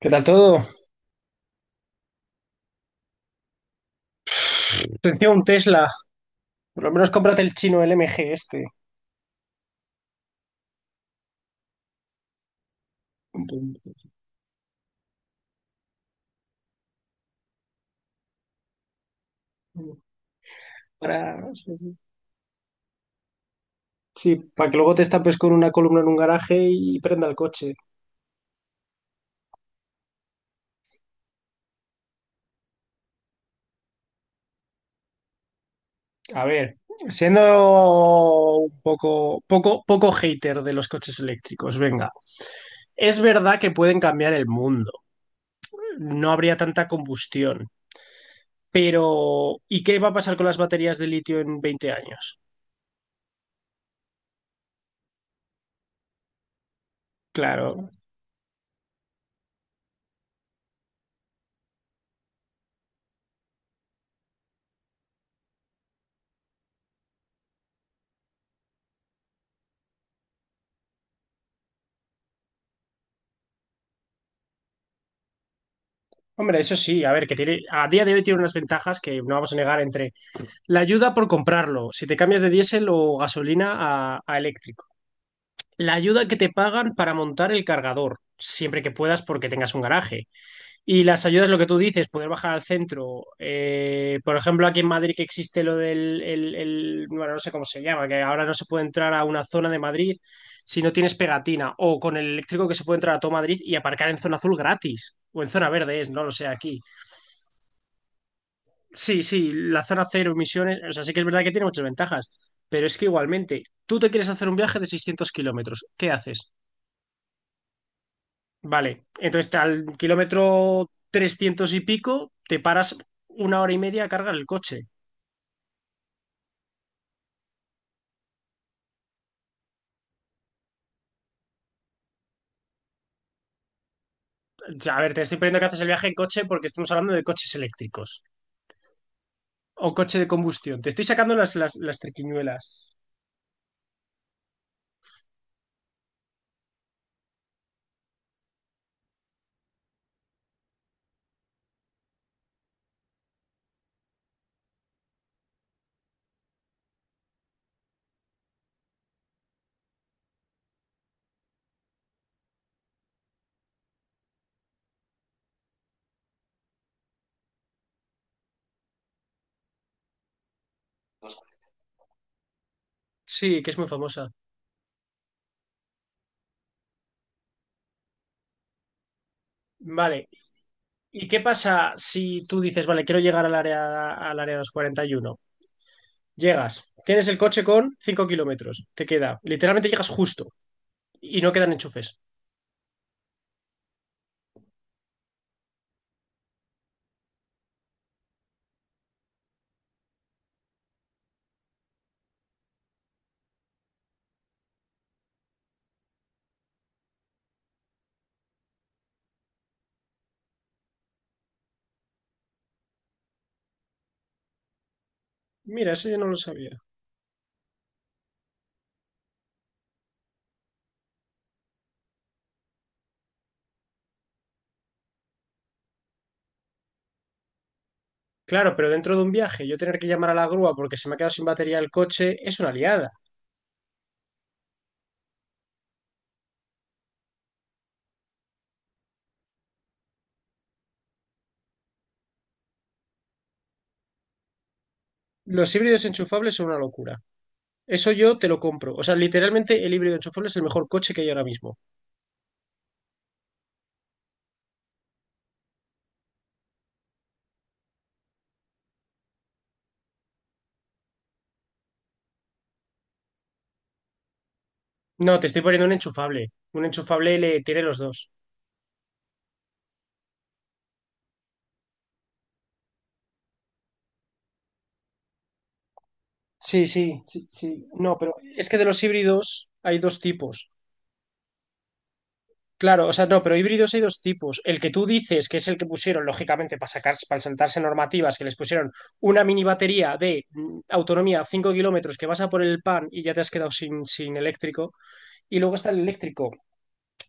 ¿Qué tal todo? Sentía un Tesla. Por lo menos cómprate el chino LMG este. Para... Sí, sí. Sí, para que luego te estampes con una columna en un garaje y prenda el coche. A ver, siendo un poco, poco hater de los coches eléctricos, venga. Es verdad que pueden cambiar el mundo. No habría tanta combustión. Pero, ¿y qué va a pasar con las baterías de litio en 20 años? Claro. Hombre, eso sí, a ver, que tiene, a día de hoy tiene unas ventajas que no vamos a negar entre la ayuda por comprarlo, si te cambias de diésel o gasolina a eléctrico, la ayuda que te pagan para montar el cargador, siempre que puedas porque tengas un garaje, y las ayudas, lo que tú dices, poder bajar al centro, por ejemplo, aquí en Madrid que existe lo bueno, no sé cómo se llama, que ahora no se puede entrar a una zona de Madrid si no tienes pegatina, o con el eléctrico que se puede entrar a todo Madrid y aparcar en zona azul gratis, o en zona verde es, no lo sé aquí. Sí, sí, la zona cero emisiones. O sea, sí que es verdad que tiene muchas ventajas, pero es que igualmente, tú te quieres hacer un viaje de 600 kilómetros, ¿qué haces? Vale, entonces al kilómetro 300 y pico te paras una hora y media a cargar el coche. O sea, a ver, te estoy poniendo que haces el viaje en coche porque estamos hablando de coches eléctricos o coche de combustión. Te estoy sacando las triquiñuelas. Sí, que es muy famosa. Vale, ¿y qué pasa si tú dices, vale, quiero llegar al área 241? Llegas, tienes el coche con 5 kilómetros, te queda, literalmente llegas justo y no quedan enchufes. Mira, eso yo no lo sabía. Claro, pero dentro de un viaje, yo tener que llamar a la grúa porque se me ha quedado sin batería el coche es una liada. Los híbridos enchufables son una locura. Eso yo te lo compro. O sea, literalmente el híbrido enchufable es el mejor coche que hay ahora mismo. No, te estoy poniendo un enchufable. Un enchufable le tiene los dos. Sí, sí, sí, sí. No, pero es que de los híbridos hay dos tipos. Claro, o sea, no, pero híbridos hay dos tipos. El que tú dices, que es el que pusieron, lógicamente, para sacar, para saltarse normativas, que les pusieron una mini batería de autonomía 5 kilómetros, que vas a por el pan y ya te has quedado sin eléctrico. Y luego está el eléctrico,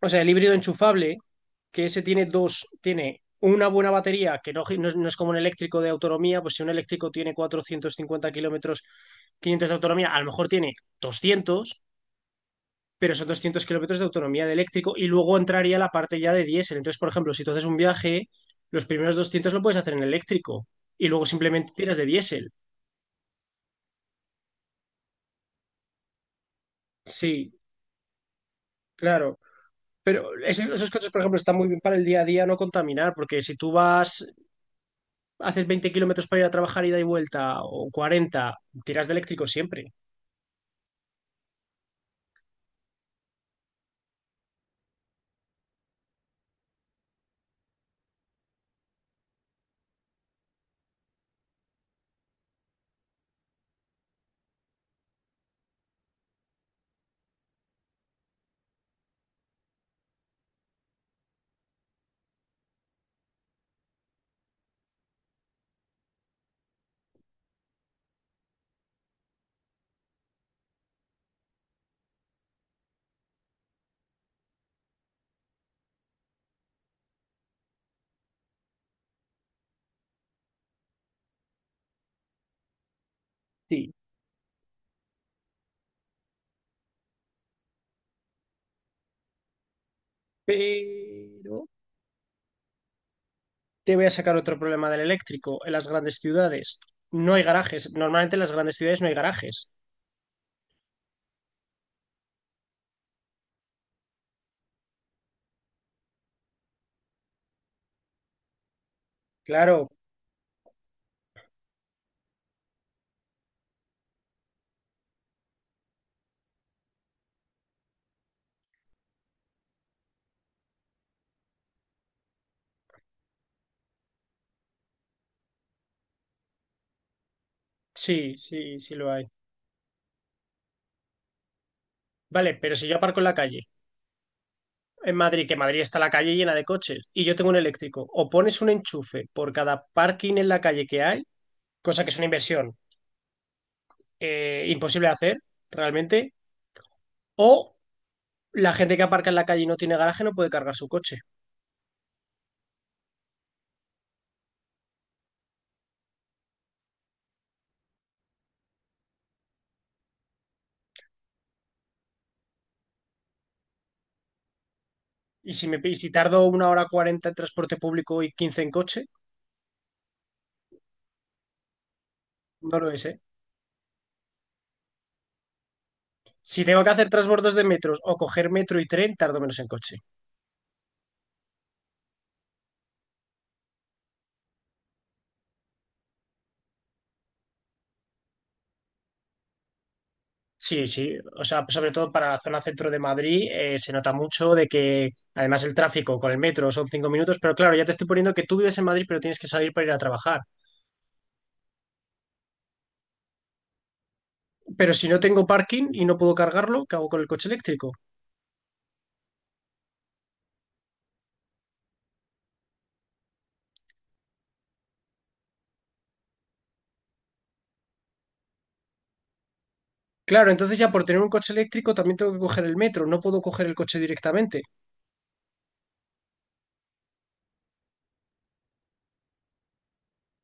o sea, el híbrido enchufable, que ese tiene dos, tiene una buena batería, que no es, no es como un eléctrico de autonomía, pues si un eléctrico tiene 450 kilómetros, 500 de autonomía, a lo mejor tiene 200, pero son 200 kilómetros de autonomía de eléctrico y luego entraría la parte ya de diésel. Entonces, por ejemplo, si tú haces un viaje, los primeros 200 lo puedes hacer en eléctrico y luego simplemente tiras de diésel. Sí, claro. Pero esos coches, por ejemplo, están muy bien para el día a día no contaminar, porque si tú vas, haces 20 kilómetros para ir a trabajar ida y vuelta, o cuarenta, tiras de eléctrico siempre. Sí. Pero te voy a sacar otro problema del eléctrico en las grandes ciudades. No hay garajes. Normalmente en las grandes ciudades no hay garajes. Claro. Sí, sí, sí lo hay. Vale, pero si yo aparco en la calle, en Madrid, que Madrid está la calle llena de coches, y yo tengo un eléctrico, o pones un enchufe por cada parking en la calle que hay, cosa que es una inversión imposible de hacer, realmente, o la gente que aparca en la calle y no tiene garaje no puede cargar su coche. ¿Y si tardo 1 hora 40 en transporte público y quince en coche? No lo es, ¿eh? Si tengo que hacer transbordos de metros o coger metro y tren, tardo menos en coche. Sí, sí, o sea, pues sobre todo para la zona centro de Madrid se nota mucho de que además el tráfico con el metro son 5 minutos, pero claro, ya te estoy poniendo que tú vives en Madrid pero tienes que salir para ir a trabajar. Pero si no tengo parking y no puedo cargarlo, ¿qué hago con el coche eléctrico? Claro, entonces ya por tener un coche eléctrico también tengo que coger el metro, no puedo coger el coche directamente.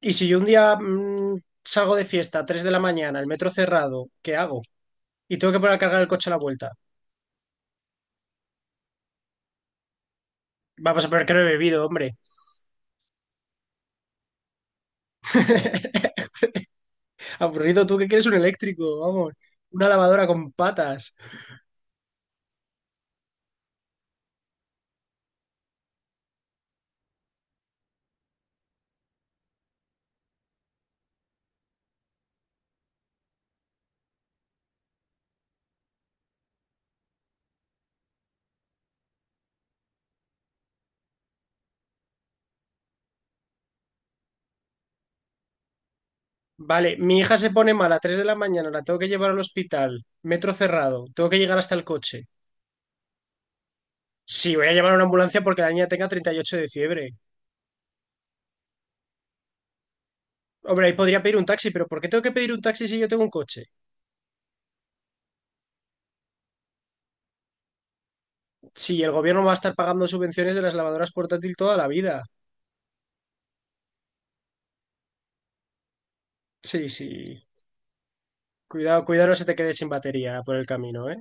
Y si yo un día salgo de fiesta a 3 de la mañana, el metro cerrado, ¿qué hago? Y tengo que poner a cargar el coche a la vuelta. Vamos a ver que no he bebido, hombre. Aburrido, ¿tú qué quieres, un eléctrico? Vamos, una lavadora con patas. Vale, mi hija se pone mala a 3 de la mañana, la tengo que llevar al hospital, metro cerrado, tengo que llegar hasta el coche. Sí, voy a llamar a una ambulancia porque la niña tenga 38 de fiebre. Hombre, ahí podría pedir un taxi, pero ¿por qué tengo que pedir un taxi si yo tengo un coche? Sí, el gobierno va a estar pagando subvenciones de las lavadoras portátil toda la vida. Sí, sí. Cuidado, cuidado, no se te quede sin batería por el camino, ¿eh?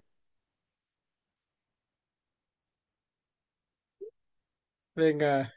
Venga.